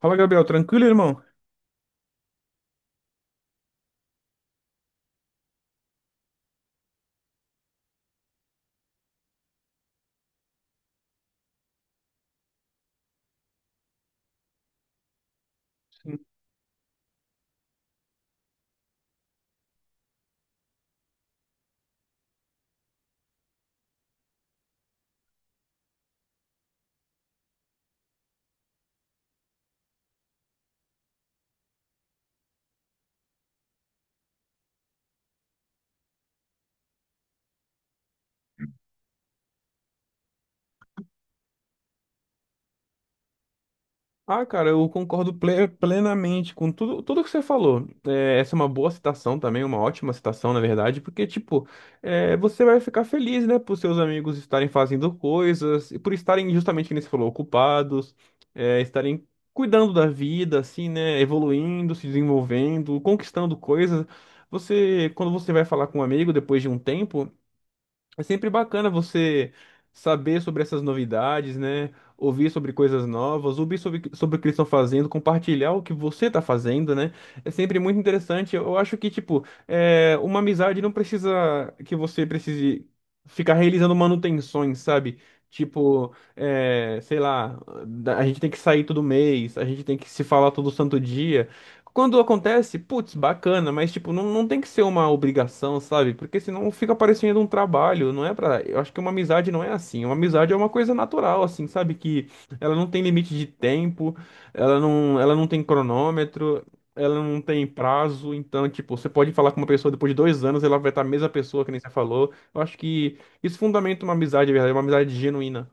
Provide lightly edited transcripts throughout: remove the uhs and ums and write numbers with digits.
Fala, Gabriel, tranquilo, irmão? Ah, cara, eu concordo plenamente com tudo, que você falou. Essa é uma boa citação também, uma ótima citação, na verdade, porque, tipo, você vai ficar feliz, né, por seus amigos estarem fazendo coisas e por estarem, justamente, como você falou, ocupados, estarem cuidando da vida, assim, né, evoluindo, se desenvolvendo, conquistando coisas. Quando você vai falar com um amigo depois de um tempo, é sempre bacana você saber sobre essas novidades, né? Ouvir sobre coisas novas, ouvir sobre o que eles estão fazendo, compartilhar o que você está fazendo, né? É sempre muito interessante. Eu acho que, tipo, uma amizade não precisa que você precise ficar realizando manutenções, sabe? Tipo, é, sei lá, a gente tem que sair todo mês, a gente tem que se falar todo santo dia. Quando acontece, putz, bacana, mas tipo, não tem que ser uma obrigação, sabe? Porque senão fica parecendo um trabalho, não é pra. Eu acho que uma amizade não é assim. Uma amizade é uma coisa natural, assim, sabe? Que ela não tem limite de tempo, ela não tem cronômetro, ela não tem prazo. Então, tipo, você pode falar com uma pessoa depois de dois anos, ela vai estar a mesma pessoa que nem você falou. Eu acho que isso fundamenta uma amizade, de verdade, uma amizade genuína.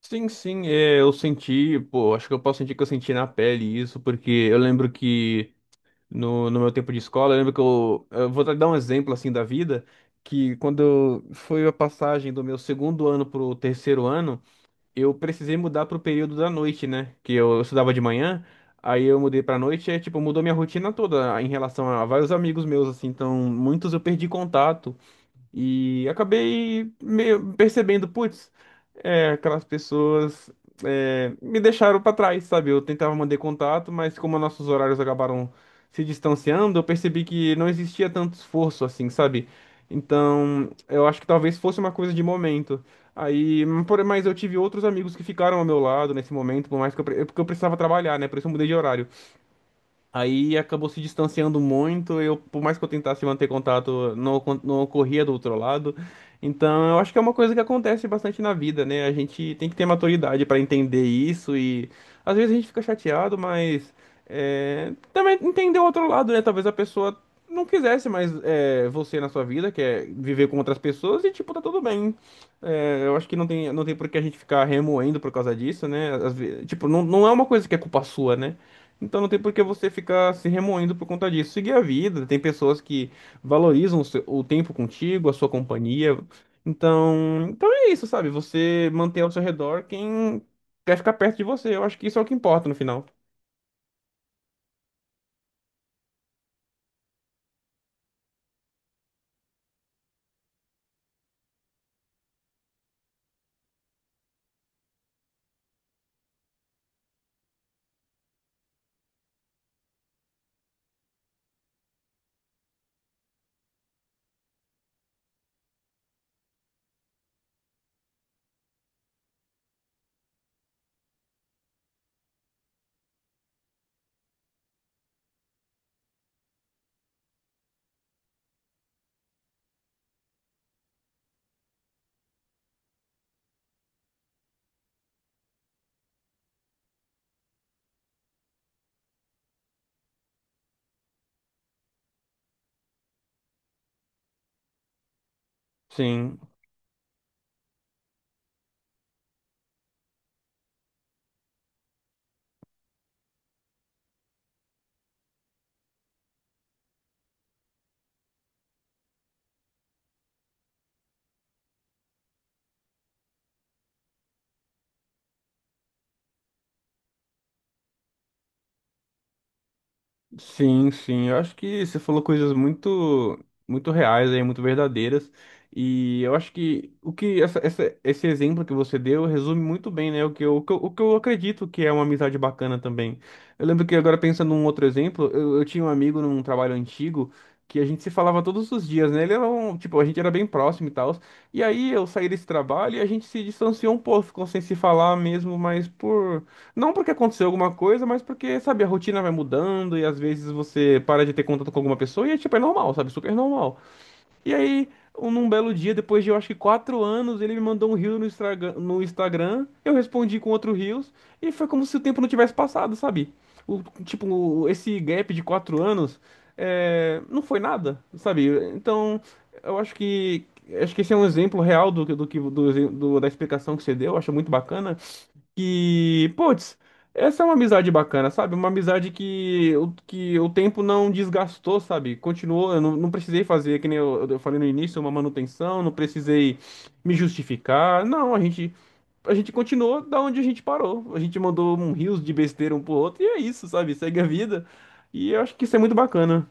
Sim, sim, é, eu senti, pô, acho que eu posso sentir que eu senti na pele isso, porque eu lembro que no meu tempo de escola. Eu lembro que eu vou dar um exemplo assim da vida, que foi a passagem do meu segundo ano pro terceiro ano, eu precisei mudar pro período da noite, né? Que eu estudava de manhã, aí eu mudei pra noite, e tipo, mudou minha rotina toda em relação a vários amigos meus, assim, então muitos eu perdi contato. E acabei meio percebendo, putz, aquelas pessoas me deixaram pra trás, sabe? Eu tentava manter contato, mas como nossos horários acabaram se distanciando, eu percebi que não existia tanto esforço assim, sabe? Então, eu acho que talvez fosse uma coisa de momento. Mas eu tive outros amigos que ficaram ao meu lado nesse momento, por mais que é porque eu precisava trabalhar, né? Por isso eu mudei de horário. Aí acabou se distanciando muito. Eu, por mais que eu tentasse manter contato, não ocorria do outro lado. Então, eu acho que é uma coisa que acontece bastante na vida, né? A gente tem que ter maturidade para entender isso e às vezes a gente fica chateado, mas também entender o outro lado, né? Talvez a pessoa não quisesse mais você na sua vida, quer viver com outras pessoas e tipo tá tudo bem. É, eu acho que não tem por que a gente ficar remoendo por causa disso, né? Às ve- tipo, não, Não é uma coisa que é culpa sua, né? Então não tem por que você ficar se remoendo por conta disso. Seguir a vida. Tem pessoas que valorizam o tempo contigo, a sua companhia. Então, é isso, sabe? Você manter ao seu redor quem quer ficar perto de você. Eu acho que isso é o que importa no final. Sim. Sim, sim. Eu acho que você falou coisas muito reais aí, muito verdadeiras. E eu acho que o que essa- esse exemplo que você deu resume muito bem, né? O que eu acredito que é uma amizade bacana também. Eu lembro que agora pensando num outro exemplo, eu tinha um amigo num trabalho antigo que a gente se falava todos os dias, né? Ele era um, tipo, a gente era bem próximo e tal. E aí eu saí desse trabalho e a gente se distanciou um pouco, ficou sem se falar mesmo, mas por não porque aconteceu alguma coisa, mas porque, sabe, a rotina vai mudando e às vezes você para de ter contato com alguma pessoa e, é tipo, é normal, sabe? Super normal. E aí, num belo dia, depois de, eu acho que quatro anos, ele me mandou um reel no Instagram, no Instagram, eu respondi com outro reels e foi como se o tempo não tivesse passado, sabe? O, tipo, esse gap de quatro anos não foi nada, sabe? Então, eu acho que, acho que esse é um exemplo real do, que- do, que- do, do- da explicação que você deu, eu acho muito bacana que, putz, essa é uma amizade bacana, sabe? Uma amizade que, o tempo não desgastou, sabe? Continuou, eu não, não precisei fazer, que nem eu, eu falei no início, uma manutenção, não precisei me justificar. Não, a gente continuou da onde a gente parou. A gente mandou um rios de besteira um pro outro e é isso, sabe? Segue a vida. E eu acho que isso é muito bacana.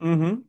Uhum.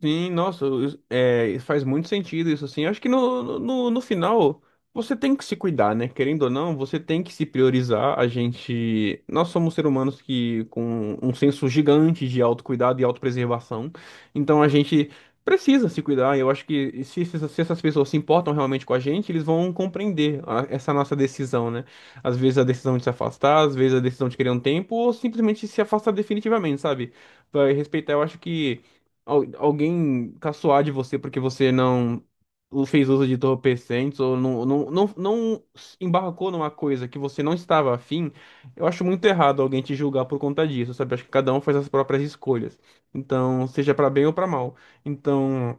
Sim, nossa, isso- é, faz muito sentido isso, assim. Acho que no final você tem que se cuidar, né? Querendo ou não, você tem que se priorizar. A gente. Nós somos seres humanos que com um senso gigante de autocuidado e autopreservação. Então a gente precisa se cuidar. Eu acho que se essas pessoas se importam realmente com a gente, eles vão compreender essa nossa decisão, né? Às vezes a decisão de se afastar, às vezes a decisão de querer um tempo, ou simplesmente se afastar definitivamente, sabe? Vai respeitar, eu acho que alguém caçoar de você porque você não fez uso de entorpecentes ou não embarcou numa coisa que você não estava afim, eu acho muito errado alguém te julgar por conta disso, sabe? Acho que cada um faz as próprias escolhas. Então, seja para bem ou para mal. Então.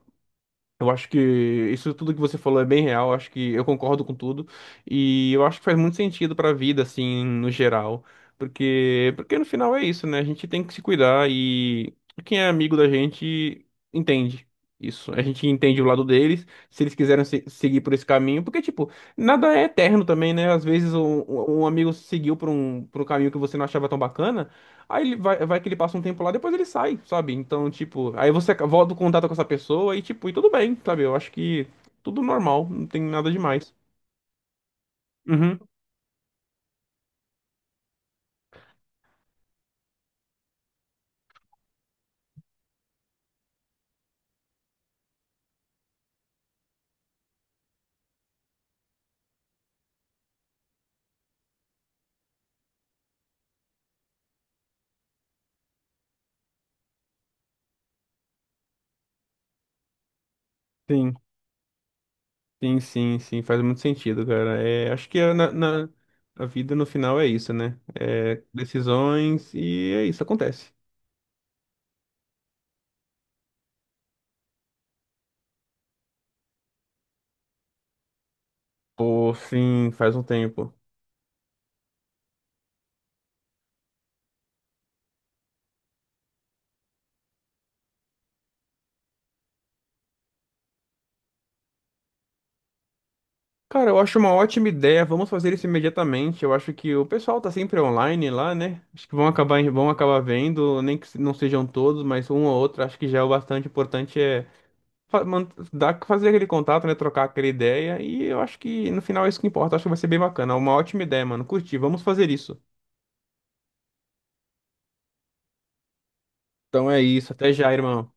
Eu acho que isso tudo que você falou é bem real, eu acho que eu concordo com tudo e eu acho que faz muito sentido pra vida assim, no geral, porque no final é isso, né? A gente tem que se cuidar e quem é amigo da gente entende isso. A gente entende o lado deles, se eles quiserem seguir por esse caminho, porque tipo, nada é eterno também, né? Às vezes um amigo seguiu por um caminho que você não achava tão bacana. Aí ele vai, vai que ele passa um tempo lá, depois ele sai, sabe? Então, tipo, aí você volta o contato com essa pessoa e, tipo, e tudo bem, sabe? Eu acho que tudo normal, não tem nada demais. Uhum, sim, sim, faz muito sentido, cara. É, acho que a vida no final é isso, né? É decisões e é isso, acontece. Pô, sim, faz um tempo. Cara, eu acho uma ótima ideia. Vamos fazer isso imediatamente. Eu acho que o pessoal tá sempre online lá, né? Acho que vão acabar vendo, nem que não sejam todos, mas um ou outro. Acho que já é o bastante. Importante é fazer aquele contato, né? Trocar aquela ideia. E eu acho que no final é isso que importa. Acho que vai ser bem bacana. Uma ótima ideia, mano. Curti. Vamos fazer isso. Então é isso. Até já, irmão.